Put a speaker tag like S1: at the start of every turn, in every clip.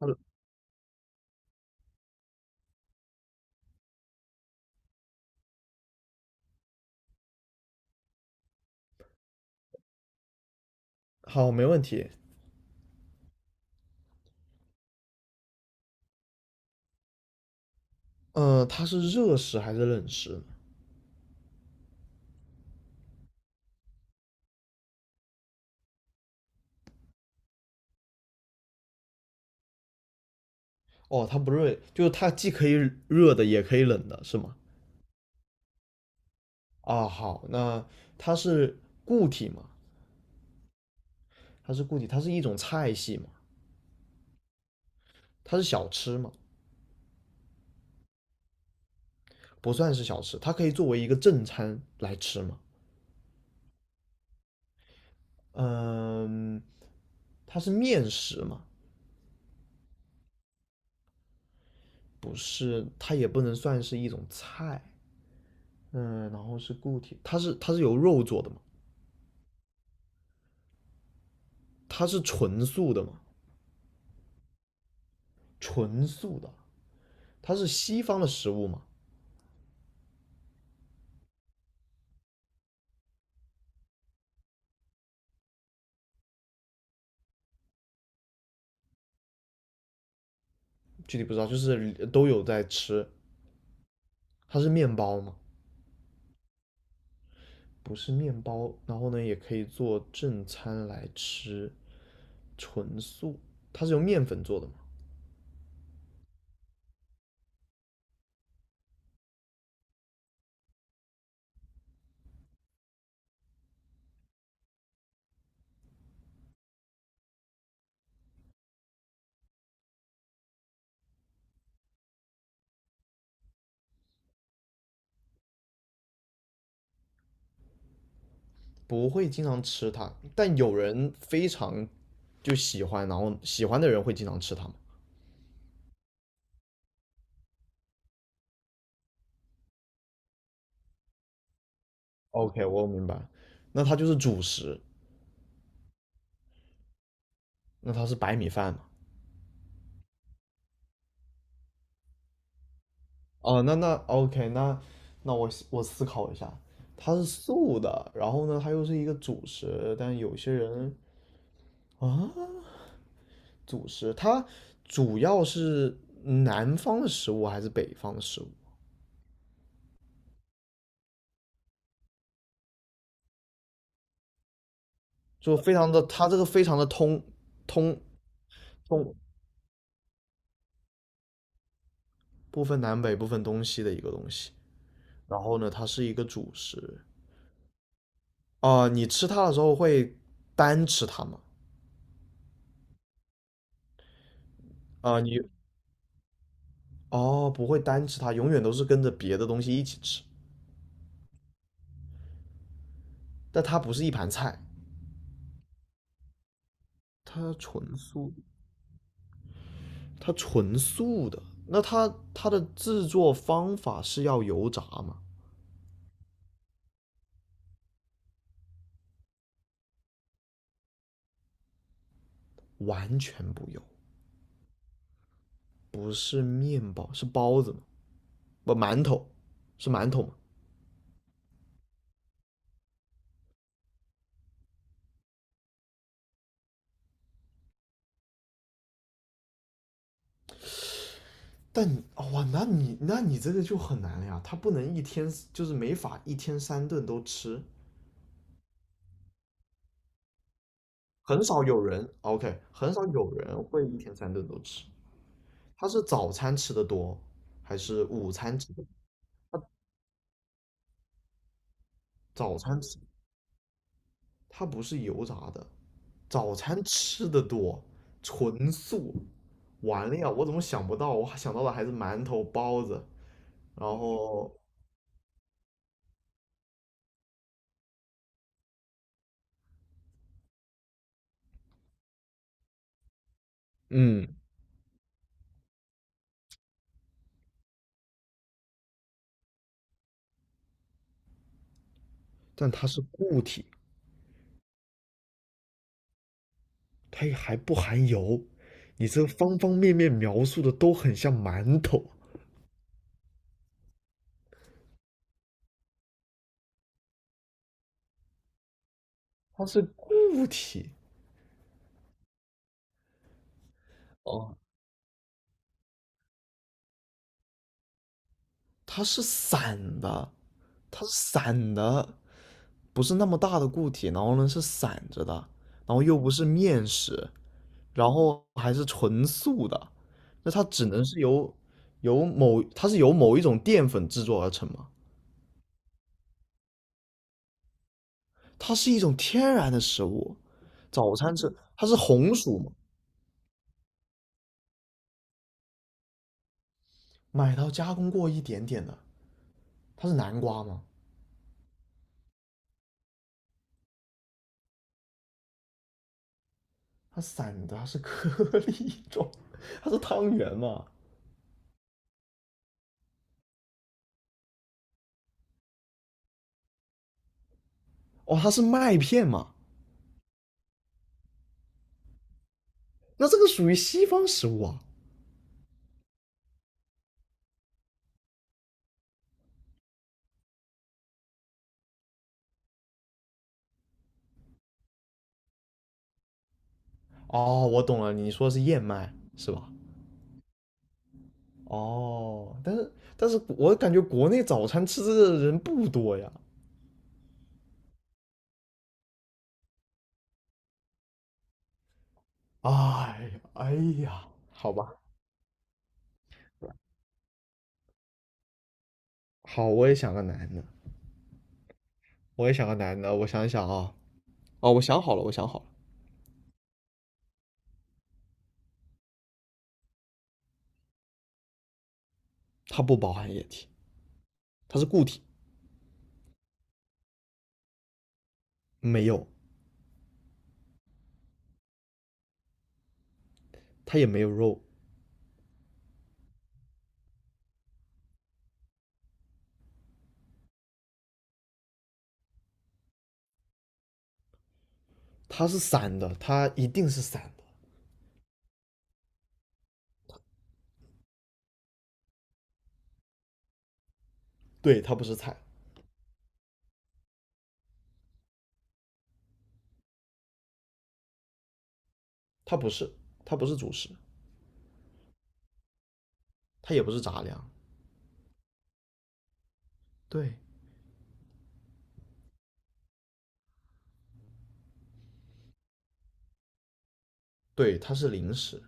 S1: 嗯，好，没问题。嗯，它是热食还是冷食呢？哦，它不是，就是它既可以热的，也可以冷的，是吗？啊，好，那它是固体嘛？它是固体。它是一种菜系嘛？它是小吃嘛？不算是小吃，它可以作为一个正餐来吃嘛？嗯，它是面食嘛？不是，它也不能算是一种菜。嗯，然后是固体，它是由肉做的嘛？它是纯素的嘛？纯素的。它是西方的食物嘛？具体不知道，就是都有在吃。它是面包嘛？不是面包，然后呢，也可以做正餐来吃，纯素。它是由面粉做的嘛？不会经常吃它，但有人非常就喜欢，然后喜欢的人会经常吃它嘛？OK，我明白。那它就是主食。那它是白米饭嘛？哦，那 OK，那我思考一下。它是素的，然后呢，它又是一个主食，但有些人主食，它主要是南方的食物还是北方的食物？就非常的，它这个非常的通通通，不分南北，不分东西的一个东西。然后呢，它是一个主食。啊、你吃它的时候会单吃它吗？啊、你哦不会单吃它，永远都是跟着别的东西一起吃，但它不是一盘菜。它纯素。它纯素的。那它的制作方法是要油炸吗？完全不油，是面包，是包子吗？不，馒头，是馒头吗？但哇，那你这个就很难了呀，它不能一天就是没法一天三顿都吃。很少有人 OK，很少有人会一天三顿都吃。它是早餐吃的多，还是午餐吃的？早餐吃，它不是油炸的，早餐吃的多，纯素。完了呀，我怎么想不到？我还想到的还是馒头、包子。然后嗯，但它是固体，它也还不含油。你这方方面面描述的都很像馒头。它是固体。哦，它是散的。它是散的，不是那么大的固体，然后呢是散着的，然后又不是面食，然后还是纯素的。那它只能是由某一种淀粉制作而成嘛？它是一种天然的食物。早餐吃它，是红薯嘛？买到加工过一点点的，它是南瓜吗？它散的，它是颗粒状。它是汤圆嘛？哦，它是麦片嘛？那这个属于西方食物啊？哦，我懂了，你说的是燕麦是吧？哦，但是我感觉国内早餐吃这个的人不多呀。哎呀，哎呀，好吧。好，我也想个男的，我也想个男的，我想一想啊。哦，我想好了，我想好了。它不包含液体，它是固体。没有。它也没有肉。它是散的，它一定是散的。对，它不是菜。它不是，它不是主食。它也不是杂粮。对。对，它是零食。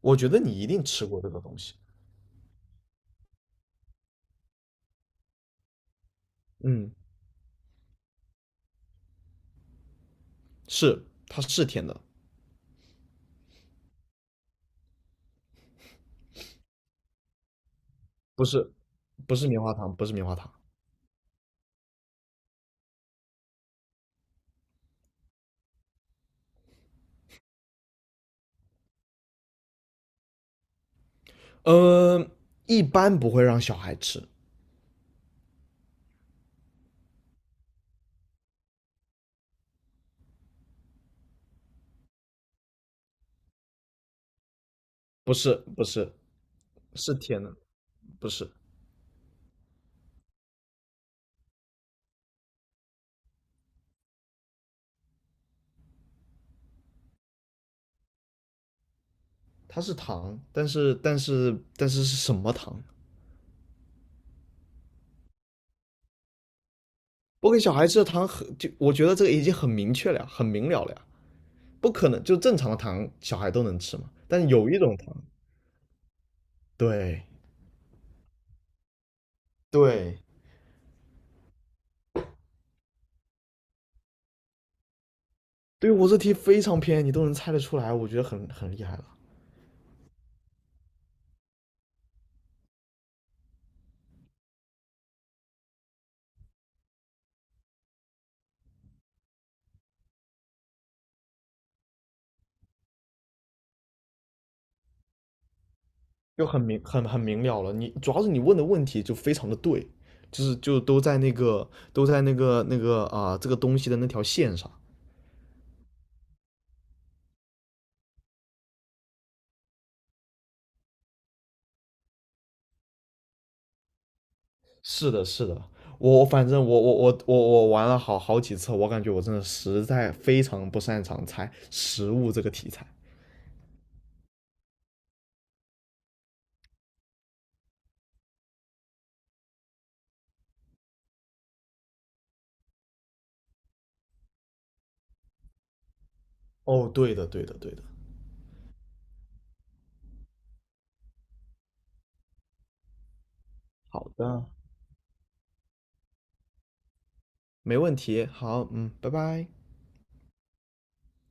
S1: 我觉得你一定吃过这个东西。嗯，是，它是甜的。不是，不是棉花糖，不是棉花糖。呃，一般不会让小孩吃。不是不是，是甜的，不是。它是糖，但是是什么糖？我给小孩吃的糖很就，我觉得这个已经很明确了呀，很明了了呀。不可能就正常的糖小孩都能吃嘛，但有一种糖。对对对。我这题非常偏，你都能猜得出来，我觉得很厉害了。就很明了了，你主要是你问的问题就非常的对，就是都在那个这个东西的那条线上。是的，是的。我反正我玩了好几次。我感觉我真的实在非常不擅长猜食物这个题材。哦，对的，对的，对的。好的，没问题。好，嗯，拜拜。